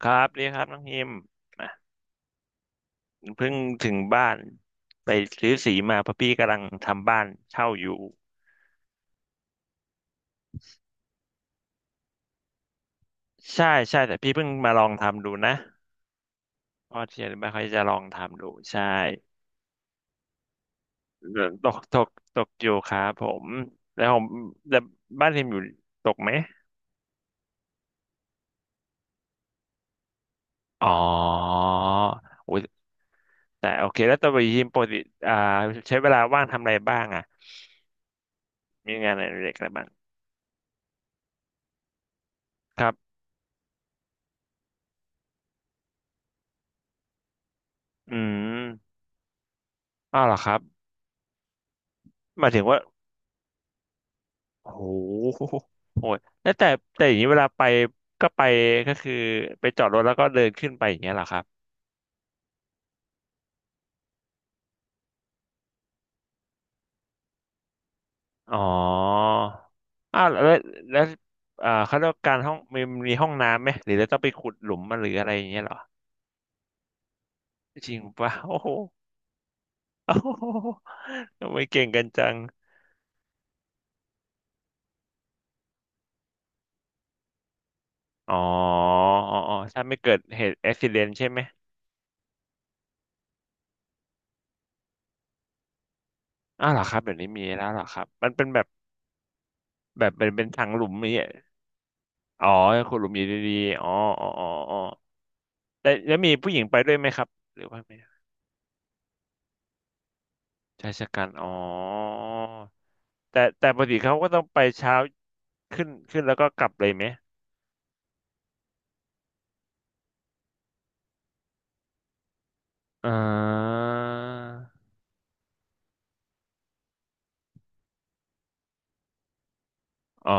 ครับดีครับน้องฮิมอ่ะเพิ่งถึงบ้านไปซื้อสีมาเพราะพี่กำลังทำบ้านเช่าอยู่ใช่แต่พี่เพิ่งมาลองทำดูนะเพราะเทียนไม่ค่อยจะลองทำดูใช่ตกตกตกอยู่ครับผมแล้วผมแต่บ้านฮิมอยู่ตกไหมอ๋อโอ้ยแต่โอเคแล้วตัวฮิมปกติอ่าใช้เวลาว่างทำอะไรบ้างอ่ะมีงานอะไรเล็กอะไรบ้างครับอืมอ้าวเหรอครับหมายถึงว่า โอ้โหโหดแล้วแต่แต่อย่างนี้เวลาไปก็ไปก็คือไปจอดรถแล้วก็เดินขึ้นไปอย่างเงี้ยเหรอครับอ๋ออ้าวแล้วแล้วอ่าเขาเรียกว่าการห้องมีห้องน้ำไหมหรือเราต้องไปขุดหลุมมาหรืออะไรอย่างเงี้ยเหรอจริงปะโอ้โหโอ้โห ทำไมเก่งกันจังอ๋ออ๋ออ๋อถ้าไม่เกิดเหตุอุบิเหตุใช่ไหมอ้าวเหรอครับเดี๋ยวนี้มีแล้วเหรอครับมันเป็นแบบแบบเป็นทางหลุมนี่างเงี้ยอ๋อขุดหลุมอยู่ดีๆอ๋ออ๋ออ๋ออ๋อ แล้วมีผู้หญิงไปด้วยไหมครับหรือว่าไม่ชายชะกันอ๋อแต่ปกติเขาก็ต้องไปเช้าขึ้นแล้วก็กลับเลยไหมอ่าอ๋อ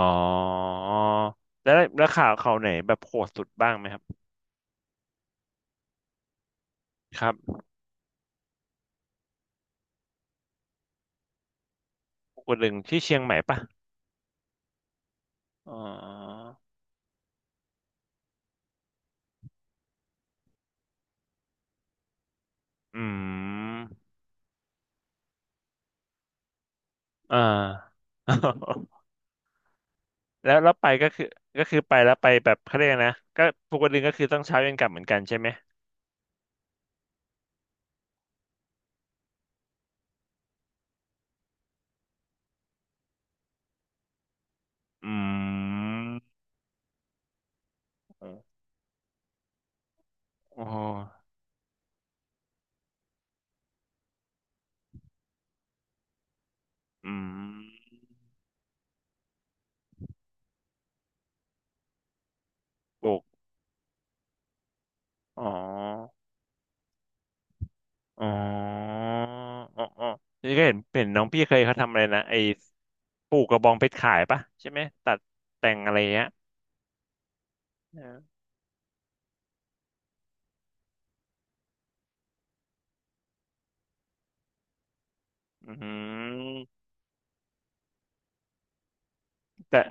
แล้วข่าวเขาไหนแบบโหดสุดบ้างไหมครับครับภูกระงที่เชียงใหม่ปะอ๋ออืมอ่า แล้วไปก็คือก็คือไปแล้วไปแบบเขาเรียกนะก็ภูกระก็คือต้องเช้าเย็นกลับเหมือนกันใช่ไหมอืมโอ้ อืมปลูกอ๋ออ๋ออ๋ออ๋อนี่ก็เห็นน้องพี่เคยเขาทำอะไรนะไอ้ปลูกกระบองเพชรขายปะใช่ไหมตัดแต่งอะไรเงี้ยเอออืมแต่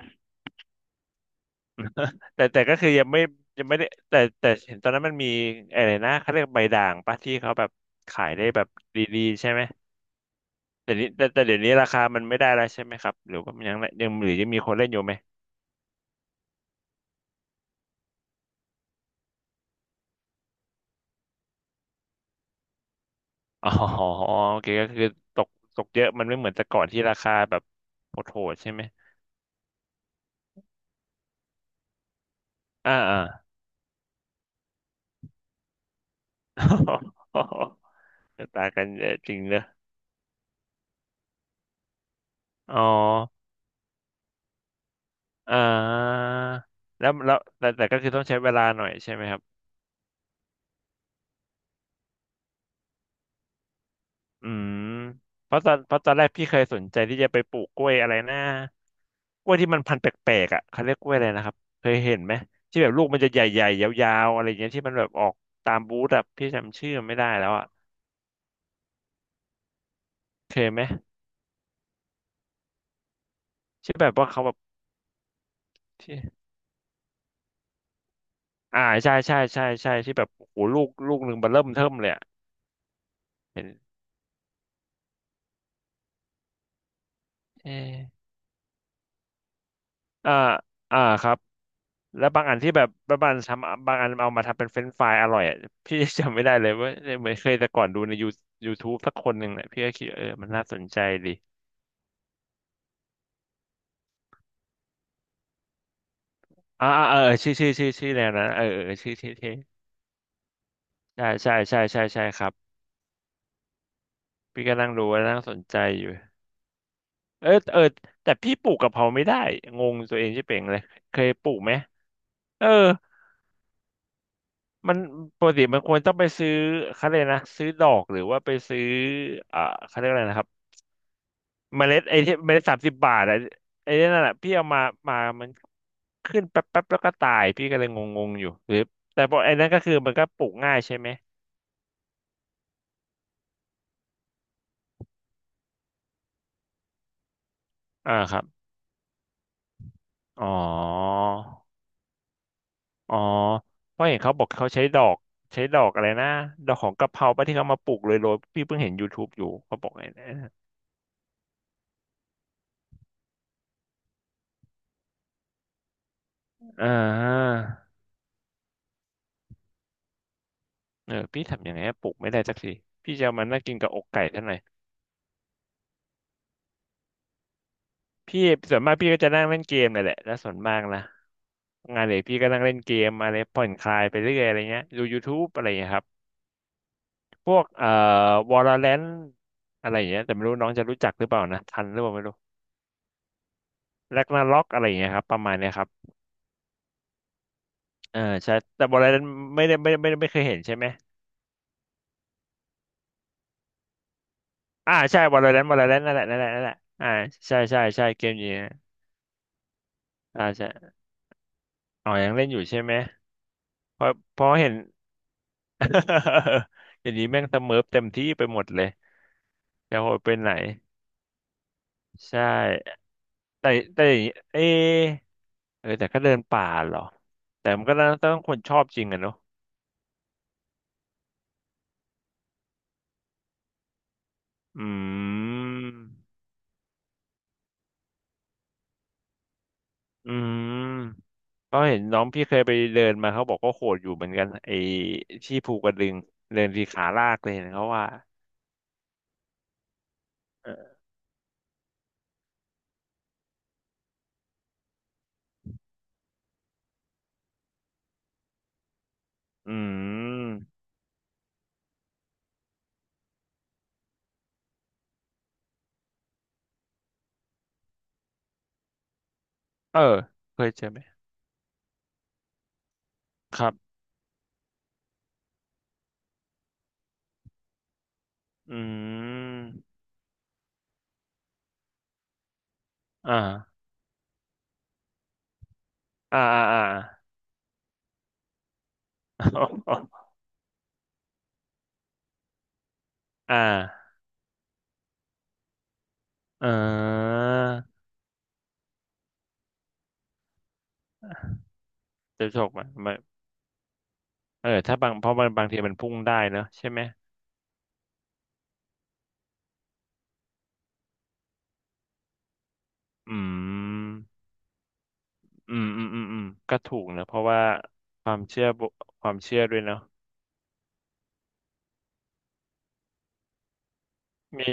แต่ก็คือยังไม่ยังไม่ได้แต่เห็นตอนนั้นมันมีอะไรนะเขาเรียกใบด่างปะที่เขาแบบขายได้แบบดีๆใช่ไหมแต่นี้แต่เดี๋ยวนี้ราคามันไม่ได้แล้วใช่ไหมครับหรือว่ามันยังหรือยังมีคนเล่นอยู่ไหม อ๋อโอเคก็คือตกเยอะมันไม่เหมือนแต่ก่อนที่ราคาแบบโหดๆใช่ไหมอ่า ต่างกันเยอะจริงเลยออ๋ออ่าแล้วแล้วแต่แต่ก็คือต้องใช้เวลาหน่อยใช่ไหมครับ อืม เพราะตอนเพราะตอนแรกพี่เคยสนใจที่จะไปปลูกกล้วยอะไรนะกล้วยที่มันพันธุ์แปลกๆอ่ะเขาเรียกกล้วยอะไรนะครับเคยเห็นไหมที่แบบลูกมันจะใหญ่ๆยาวๆอะไรอย่างเงี้ยที่มันแบบออกตามบูธอ่ะพี่จำชื่อไม่ได้แล้วอ่ะเคยไหมที่แบบว่าเขา ที่ใช่ที่แบบโอ้โหลูกหนึ่งมบเริ่มเทิ่มเลยอะเห็นเอออ่าอ่าครับแล้วบางอันที่แบบบางอันทำบางอันเอามาทำเป็นเฟรนช์ฟรายอร่อยอ่ะ พี่ จำไม่ได้เลยว่าเหมือนเคยแต่ก่อนดูในยูทูบสักคนหนึ่งแหละพี่ก็คิดเออมันน่าสนใจดีอ่าอ่าเออชื่อแนวนั้นเออเออชื่อเท่ใช่ครับพี่ก็นั่งดูแลนั่งสนใจอยู่เออแต่พี่ปลูกกะเพราไม่ได้งงตัวเองใช่เป่งเลยเคยปลูกไหมเออ มันปกติมันควรต้องไปซื้อเขาเลยกนะซื้อดอกหรือว่าไปซื้ออ่าเขาเรียกอะไรนะครับเมล็ดไอ้ที่เมล็ดสามสิบบาทอะไอ้นนั่นแหละพี่เอามามันขึ้นแป๊บแล้วก็ตายพี่ก็เลยงงงอยู่หรือแต่พอไอ้นั่นก็คือมันก็ปลูกง่ายใช่ไหมอ่าครับอ๋ออ๋อเพราะเห็นเขาบอกเขาใช้ดอกอะไรนะดอกของกะเพราปะที่เขามาปลูกเลยโรยๆพี่เพิ่งเห็นย o ท t บ e อยู่เขาบอกไงนะอ่า เออพี่ทำยังไงให้ปลุกไม่ได้สักทีพี่จะเอามันนั่งกินกับอกไก่เท่าไหร่พี่ส่วนมากพี่ก็จะนั่งเล่นเกมนั่นแหละแล้วส่วนมากนะงานเด็กพี่ก็นั่งเล่นเกมอะไรผ่อนคลายไปเรื่อยอะไรเงี้ยดู YouTube อะไรเงี้ยครับพวกValorant อะไรอย่างเงี้ยแต่ไม่รู้น้องจะรู้จักหรือเปล่านะทันหรือเปล่าไม่รู้ Ragnarok อะไรอย่างเงี้ยครับประมาณเนี้ยครับเออใช่แต่ Valorant ไม่ได้ไม่เคยเห็นใช่ไหมอ่าใช่ Valorant นั่นแหละนั่นแหละนั่นแหละอ่าใช่เกมนี้นะอ่าใช่อ๋อยังเล่นอยู่ใช่ไหมเพราะเห็น อย่างนี้แม่งสเมิร์ฟเต็มที่ไปหมดเลยจะโหดไปไหนใช่แต่แต่อย่างนี้เอะเออแต่ก็เดินป่าเหรอแต่มันก็ต้องคนชอบจริงอะเนาะอืมอืมก็เห็นน้องพี่เคยไปเดินมาเขาบอกก็โหดอยู่เหมือนกันไอ้ที่ภูกระดึงเดินทีขาลากเลยเห็นเขาว่าเอออืมเออเคยเจอไหมครับอืมอ่าอ่าอ่า อ่า อ่าจะจบไหมมันเออถ้าบางเพราะมันบางทีมันพุ่งได้เนอะใช่ไหมอืมอืมอืมก็ถูกนะเพราะว่าความเชื่อบุความเชื่อด้วยเนาะมี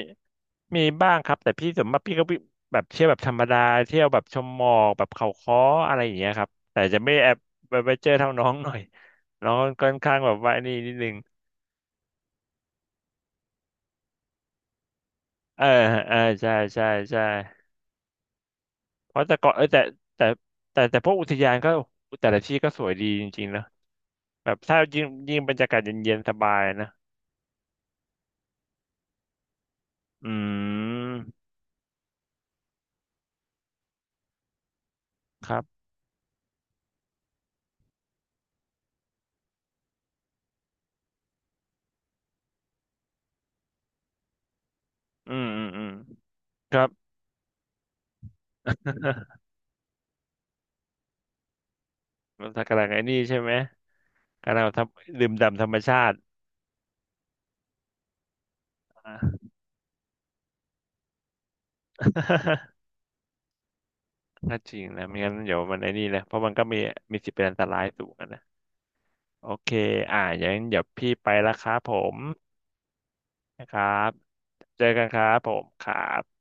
มีบ้างครับแต่พี่ส่วนมากพี่ก็วิแบบเที่ยวแบบธรรมดาเที่ยวแบบชมหมอกแบบเขาค้ออะไรอย่างเงี้ยครับแต่จะไม่แอบไปเจอเท่าน้องหน่อยน้องค่อนข้างแบบว่านี่นิดนึงเออเออใช่เพราะแต่ก่อนเออแต่แต่พวกอุทยานก็แต่ละที่ก็สวยดีจริงๆนะ แบบถ้ายิ่งบรรยากาศเย็นๆสบายนะอืมครับอืมครับ มันกำลังไอ้นี่ใช่ไหมกำลังทำดื่มด่ำธรรมชาติอ่า ถ้าจริงนะไม่งั้นเดี๋ยวมันไอ้นี่นะเพราะมันก็มีสิทธิ์เป็นอันตรายสูงอะนะโอเคอ่าอย่างนั้นเดี๋ยวพี่ไปละครับผมนะครับเจอกันครับผมครับ